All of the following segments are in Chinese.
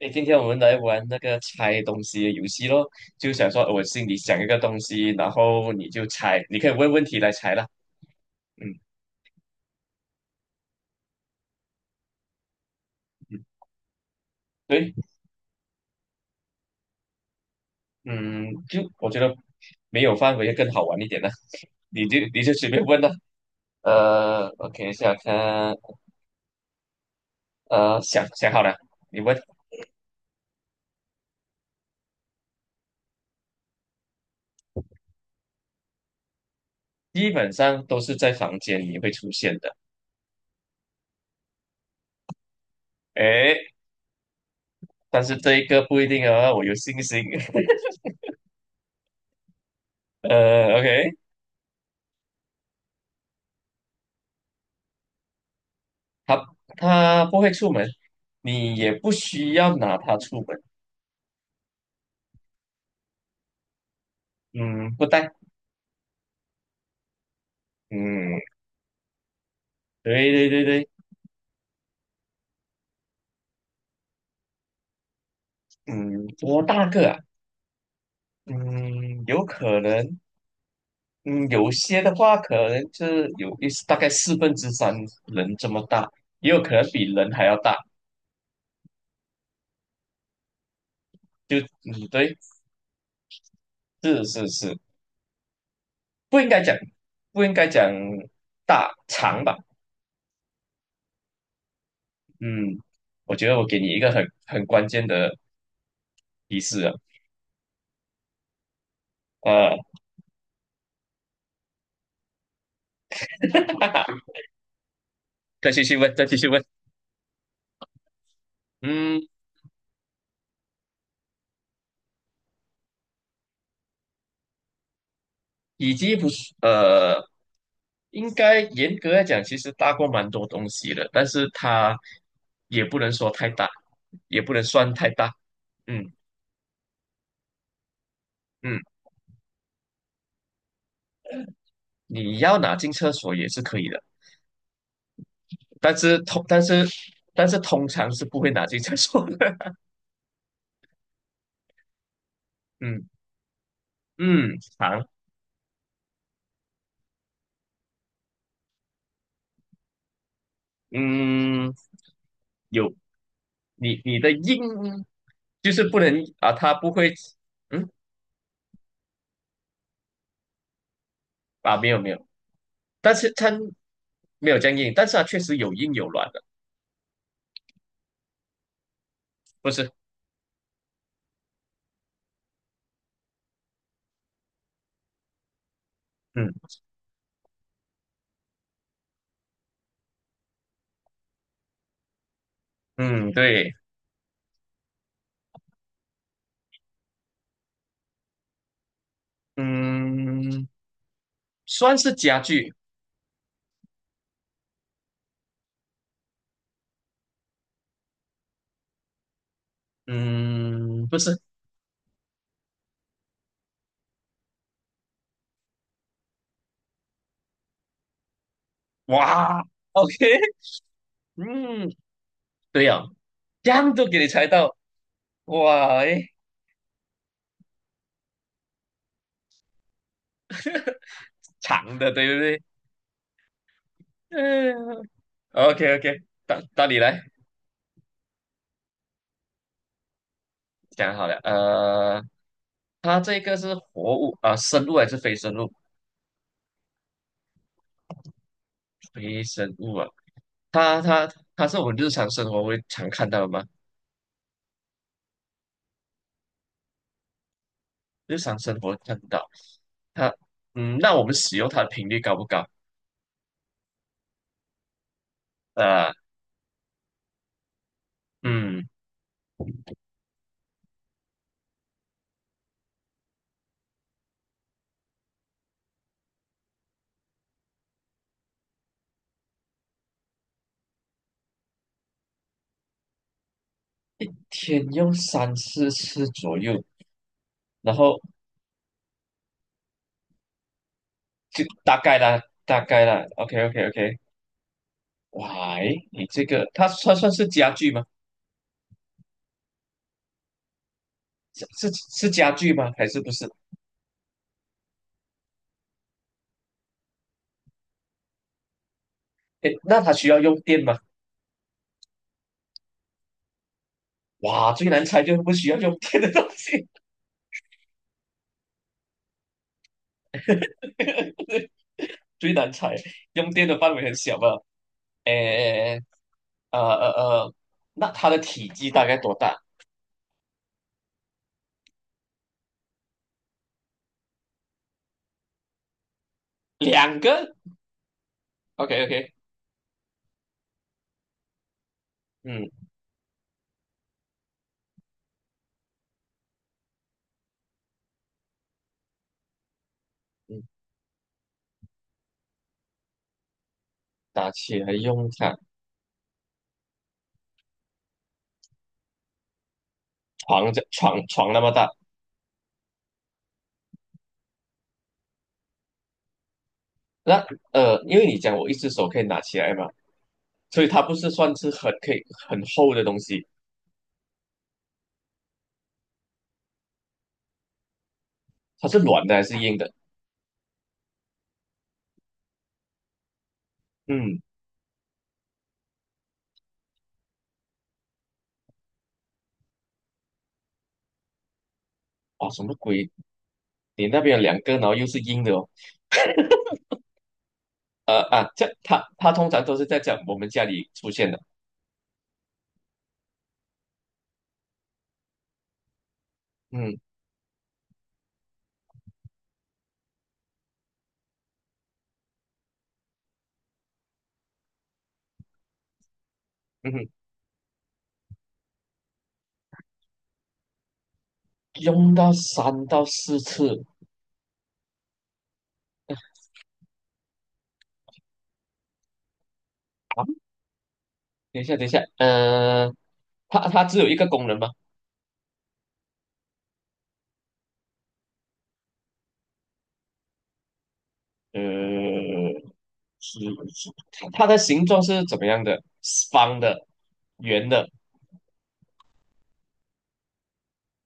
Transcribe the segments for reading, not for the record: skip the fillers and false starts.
诶，今天我们来玩那个猜东西的游戏咯，就想说我心里想一个东西，然后你就猜，你可以问问题来猜啦。嗯嗯，对，嗯，就我觉得没有范围更好玩一点了，你就随便问了。OK，下看，想想好了，你问，基本上都是在房间里会出现的。诶，但是这一个不一定哦，我有信心。OK。它它不会出门，你也不需要拿它出门。嗯，不带。嗯，对对对对，嗯，多大个啊？嗯，有可能，嗯，有些的话可能是有一大概四分之三人这么大，也有可能比人还要大。就嗯，对，是是是，不应该讲，不应该讲大长吧？嗯，我觉得我给你一个很关键的提示啊，呃，再继续问，再继续问。嗯，以及不是应该严格来讲，其实大过蛮多东西的，但是它也不能说太大，也不能算太大。嗯嗯，你要拿进厕所也是可以的，但是通但是但是通常是不会拿进厕所的。嗯嗯，长嗯有你的硬就是不能啊，它不会嗯没有没有，但是它没有这样硬，但是它确实有硬有软的，不是。嗯。嗯，对，嗯，算是家具，嗯，不是，哇，OK,嗯，对呀、哦这样都给你猜到，哇，诶，长的，对不对？嗯，OK OK,到你来讲好了，它这个是活物啊、生物还是非生物？非生物啊，它它它是我们日常生活会常看到的吗？日常生活看不到，它，嗯，那我们使用它的频率高不高？呃，嗯。天用三四次左右，然后就大概啦，大概啦，OK OK OK,哇，诶，你这个它算是家具吗？是是家具吗？还是不是？诶，那它需要用电吗？哇，最难猜就是不需要用电的东西，最难猜，用电的范围很小吧？诶，呃呃呃，那它的体积大概多大？两个？OK OK,嗯嗯，打起来用它，床这床床那么大。那因为你讲我一只手可以拿起来嘛，所以它不是算是很可以很厚的东西，它是软的还是硬的？嗯，啊，什么鬼？你那边有两个，然后又是硬的哦。这它通常都是在讲我们家里出现的。嗯嗯哼，用到三到四次啊！等一下，等一下，它只有一个功能吗？呃，是是它的形状是怎么样的？是方的、圆的。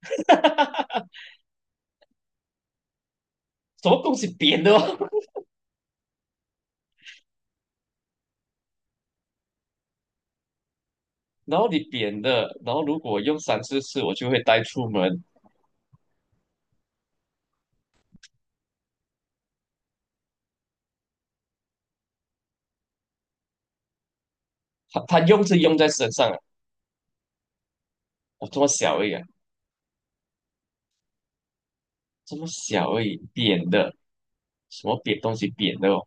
什么东西扁的哦？然后你扁的，然后如果用三四次，我就会带出门。它用是用在身上啊，我、这么小而已啊，这么小而已，扁的，什么扁东西扁的哦？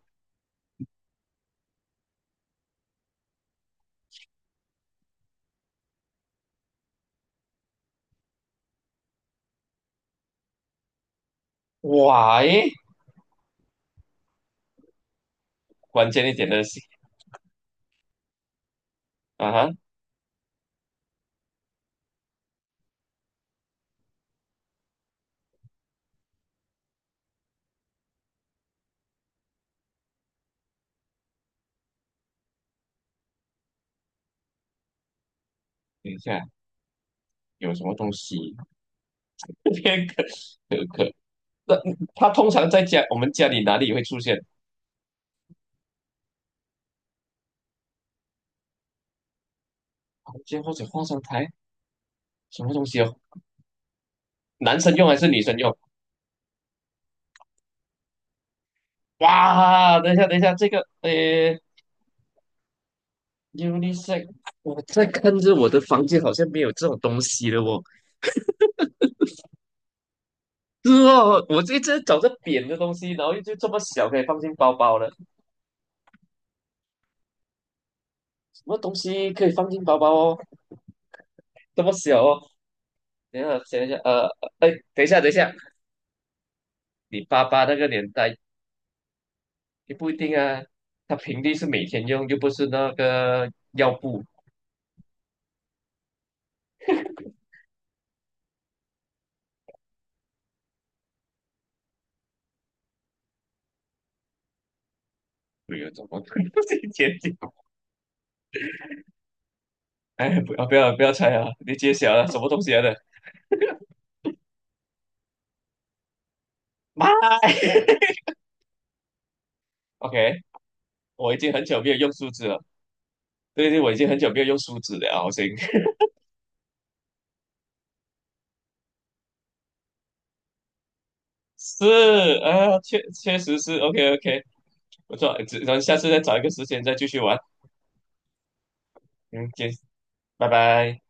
哇诶，关键一点的是啊哈，等一下有什么东西？偏可可，那它通常在家我们家里哪里会出现？房间或者化妆台？什么东西哦？男生用还是女生用？哇，等一下等一下，这个。Unisex,我在看着我的房间好像没有这种东西了哦。是哦，我这一直在找着扁的东西，然后就这么小可以放进包包了。什么东西可以放进包包哦？这么小哦？等一下，等一下，哎，等一下，等一下，你爸爸那个年代也不一定啊。他平地是每天用，又不是那个药布。没有，怎么 可能是一天天？哎，不要不要不要猜啊！你揭晓了，什么东西来的？妈 ，OK,我已经很久没有用数字了。对对，我已经很久没有用梳子了，好像 是啊，实是 OK OK,不错，只咱下次再找一个时间再继续玩，嗯，见，拜拜。